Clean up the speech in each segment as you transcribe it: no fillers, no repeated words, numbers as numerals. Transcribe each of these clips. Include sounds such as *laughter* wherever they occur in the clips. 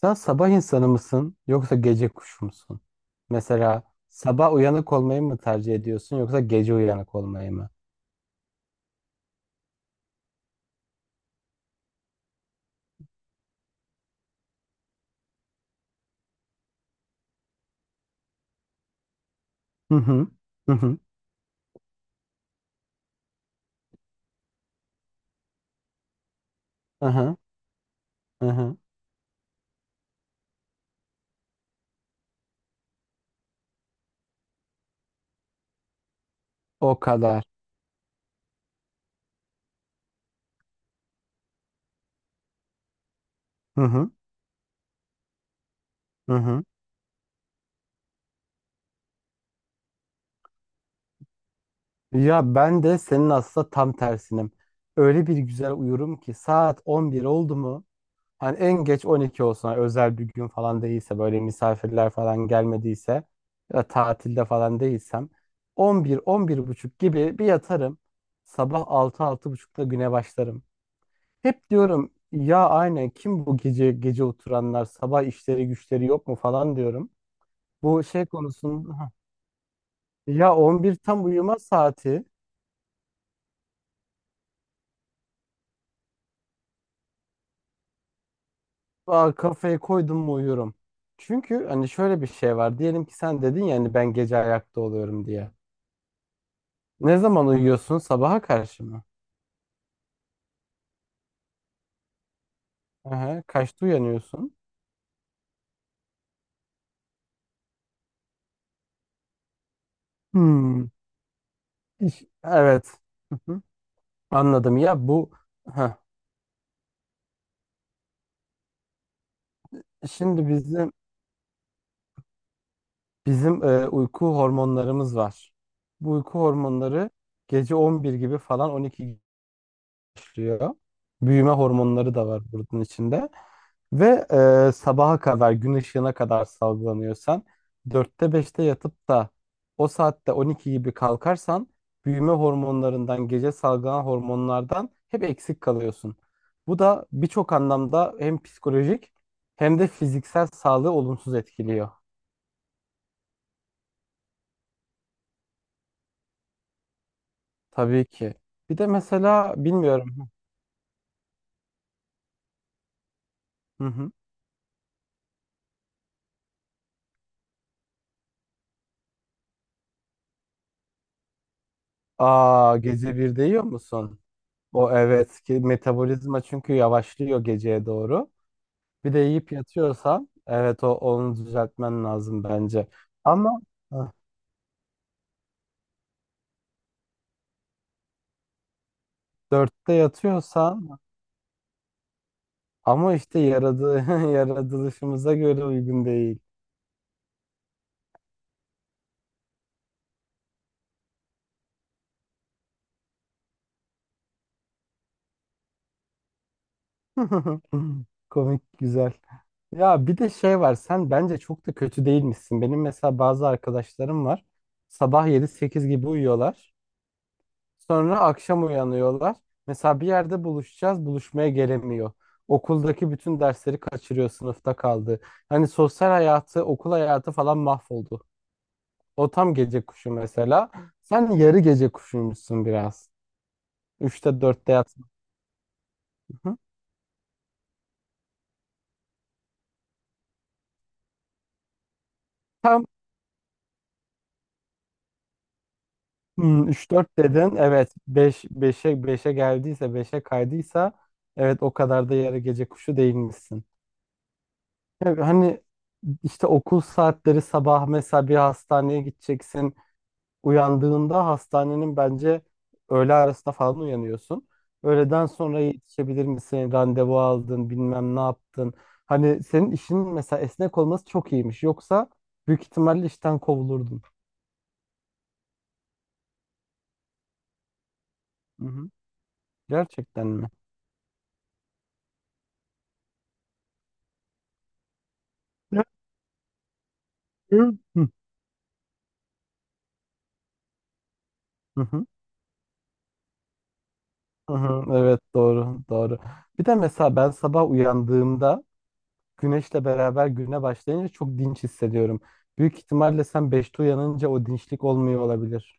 Sen sabah insanı mısın yoksa gece kuşu musun? Mesela sabah uyanık olmayı mı tercih ediyorsun yoksa gece uyanık olmayı mı? Hı hı. Hı hı. Hı hı. Hı hı. O kadar. Hı hı. Hı hı. Ya ben de senin aslında tam tersinim. Öyle bir güzel uyurum ki saat 11 oldu mu, hani en geç 12 olsun, hani özel bir gün falan değilse, böyle misafirler falan gelmediyse ya da tatilde falan değilsem, 11, 11 buçuk gibi bir yatarım. Sabah 6, 6 buçukta güne başlarım. Hep diyorum ya, aynen kim bu gece gece oturanlar, sabah işleri güçleri yok mu falan diyorum. Bu şey konusunda. Hah, ya 11 tam uyuma saati. Aa, kafayı koydum mu uyuyorum. Çünkü hani şöyle bir şey var. Diyelim ki sen dedin ya, hani ben gece ayakta oluyorum diye. Ne zaman uyuyorsun? Sabaha karşı mı? Aha, kaçta uyanıyorsun? Hmm. Evet. Hı hı. Anladım. Ya bu. Heh. Şimdi bizim uyku hormonlarımız var. Bu uyku hormonları gece 11 gibi falan, 12 başlıyor. Büyüme hormonları da var bunun içinde. Ve sabaha kadar, gün ışığına kadar salgılanıyorsan, dörtte beşte yatıp da o saatte 12 gibi kalkarsan, büyüme hormonlarından, gece salgılanan hormonlardan hep eksik kalıyorsun. Bu da birçok anlamda hem psikolojik hem de fiziksel sağlığı olumsuz etkiliyor. Tabii ki. Bir de mesela bilmiyorum. Hı hı. Aa, gece birde yiyor musun? O evet ki metabolizma çünkü yavaşlıyor geceye doğru. Bir de yiyip yatıyorsan, evet, o onu düzeltmen lazım bence. Ama heh, dörtte yatıyorsan ama işte yaradı, *laughs* yaratılışımıza göre uygun değil. *laughs* Komik, güzel. Ya bir de şey var, sen bence çok da kötü değilmişsin. Benim mesela bazı arkadaşlarım var. Sabah yedi sekiz gibi uyuyorlar. Sonra akşam uyanıyorlar. Mesela bir yerde buluşacağız, buluşmaya gelemiyor. Okuldaki bütün dersleri kaçırıyor, sınıfta kaldı. Hani sosyal hayatı, okul hayatı falan mahvoldu. O tam gece kuşu mesela. Sen yarı gece kuşuymuşsun biraz. Üçte dörtte yatsın. Hı. Tam üç dört dedin. Evet. Beş, beşe, beşe geldiyse, beşe kaydıysa, evet, o kadar da yarı gece kuşu değilmişsin. Evet, hani işte okul saatleri sabah, mesela bir hastaneye gideceksin. Uyandığında hastanenin bence öğle arasında falan uyanıyorsun. Öğleden sonra yetişebilir misin? Randevu aldın, bilmem ne yaptın. Hani senin işin mesela esnek olması çok iyiymiş. Yoksa büyük ihtimalle işten kovulurdun. Hı hı. Gerçekten mi? Hı hı. Hı hı. Hı hı. Evet, doğru doğru. Bir de mesela ben sabah uyandığımda güneşle beraber güne başlayınca çok dinç hissediyorum. Büyük ihtimalle sen 5'te uyanınca o dinçlik olmuyor olabilir.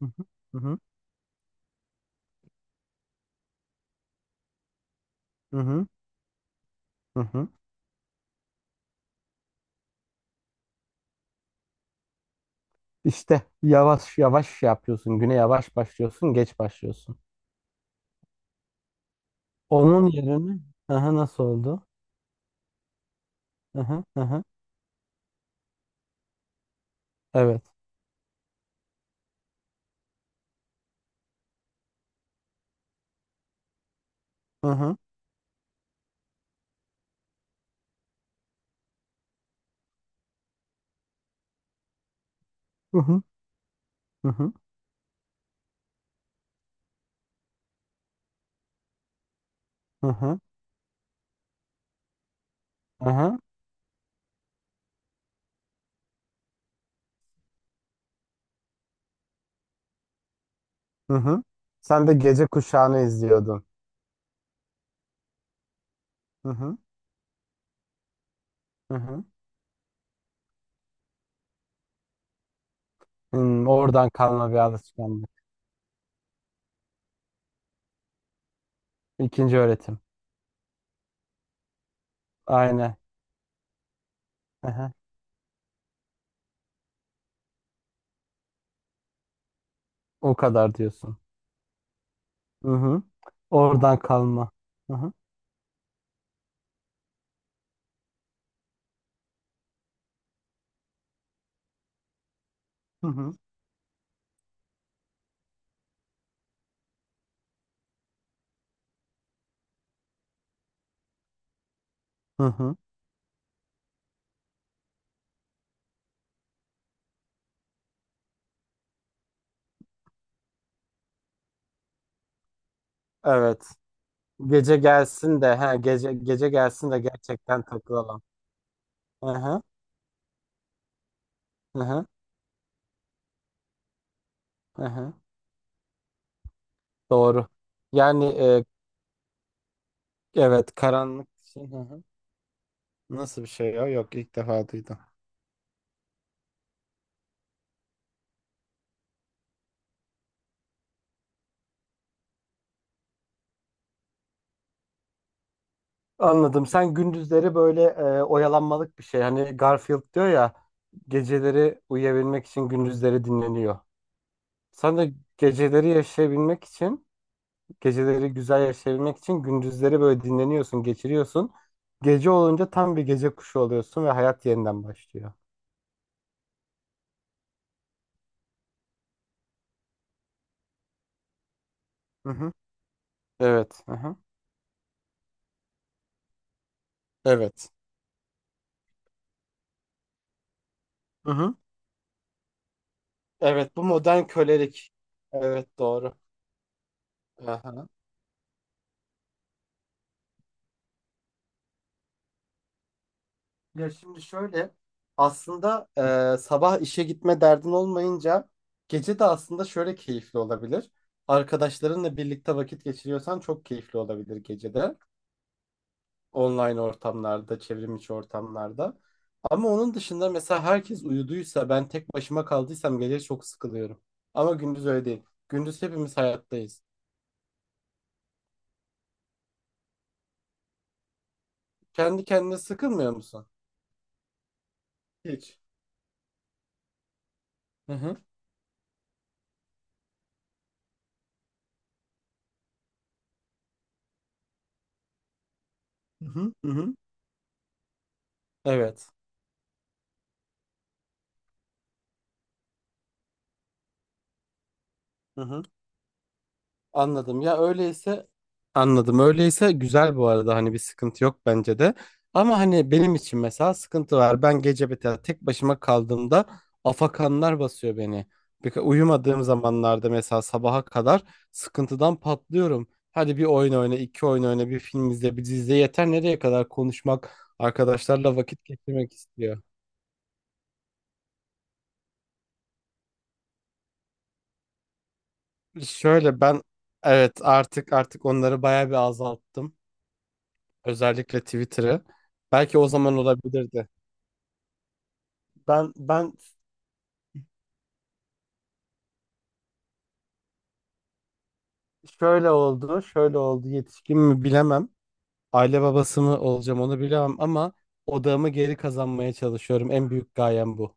Hı hı. Hı hı. Hı hı. Hı hı. İşte yavaş yavaş şey yapıyorsun. Güne yavaş başlıyorsun, geç başlıyorsun. Onun yerine, hı, nasıl oldu? Hı hı. Evet. Hı hı, hı hı, hı hı. Sen de gece kuşağını izliyordun. Hı hı, hı hı. Hmm, oradan kalma bir alışkanlık. İkinci öğretim. Aynen. Hı. O kadar diyorsun. Hı hı. Oradan kalma. Hı hı, hı hı, hı hı. Evet. Gece gelsin de, ha, gece gece gelsin de gerçekten takılalım. Aha, aha, aha. Doğru. Yani evet, karanlık için, aha. Nasıl bir şey ya? Yok, ilk defa duydum. Anladım. Sen gündüzleri böyle oyalanmalık bir şey. Hani Garfield diyor ya, geceleri uyuyabilmek için gündüzleri dinleniyor. Sen de geceleri yaşayabilmek için, geceleri güzel yaşayabilmek için gündüzleri böyle dinleniyorsun, geçiriyorsun. Gece olunca tam bir gece kuşu oluyorsun ve hayat yeniden başlıyor. Hı hı. Evet. Hı hı. Evet. Hı hı. Evet, bu modern kölelik. Evet, doğru. Aha. Ya şimdi şöyle, aslında sabah işe gitme derdin olmayınca, gece de aslında şöyle keyifli olabilir. Arkadaşlarınla birlikte vakit geçiriyorsan çok keyifli olabilir gecede. Online ortamlarda, çevrim içi ortamlarda. Ama onun dışında, mesela herkes uyuduysa, ben tek başıma kaldıysam, gece çok sıkılıyorum. Ama gündüz öyle değil. Gündüz hepimiz hayattayız. Kendi kendine sıkılmıyor musun? Hiç. Hı hı. Hı hı. Hı hı. Evet. Hı hı. Anladım. Ya öyleyse, anladım. Öyleyse güzel, bu arada hani bir sıkıntı yok bence de. Ama hani benim için mesela sıkıntı var. Ben gece mesela tek başıma kaldığımda afakanlar basıyor beni. Bir, uyumadığım zamanlarda mesela sabaha kadar sıkıntıdan patlıyorum. Hadi bir oyun oyna, iki oyun oyna, bir film izle, bir dizi izle, yeter. Nereye kadar konuşmak, arkadaşlarla vakit geçirmek istiyor. Şöyle, ben, evet, artık onları bayağı bir azalttım. Özellikle Twitter'ı. Belki o zaman olabilirdi. Ben şöyle oldu, şöyle oldu. Yetişkin mi, bilemem. Aile babası mı olacağım onu bilemem ama odağımı geri kazanmaya çalışıyorum. En büyük gayem bu.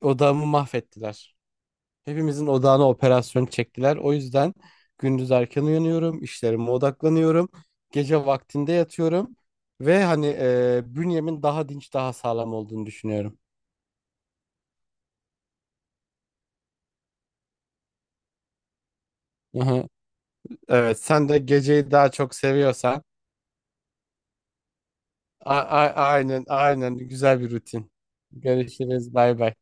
Odağımı mahvettiler. Hepimizin odağına operasyon çektiler. O yüzden gündüz erken uyanıyorum, işlerime odaklanıyorum. Gece vaktinde yatıyorum ve hani bünyemin daha dinç, daha sağlam olduğunu düşünüyorum. Aha. Evet, sen de geceyi daha çok seviyorsan aynen, aynen, güzel bir rutin. Görüşürüz, bay bay.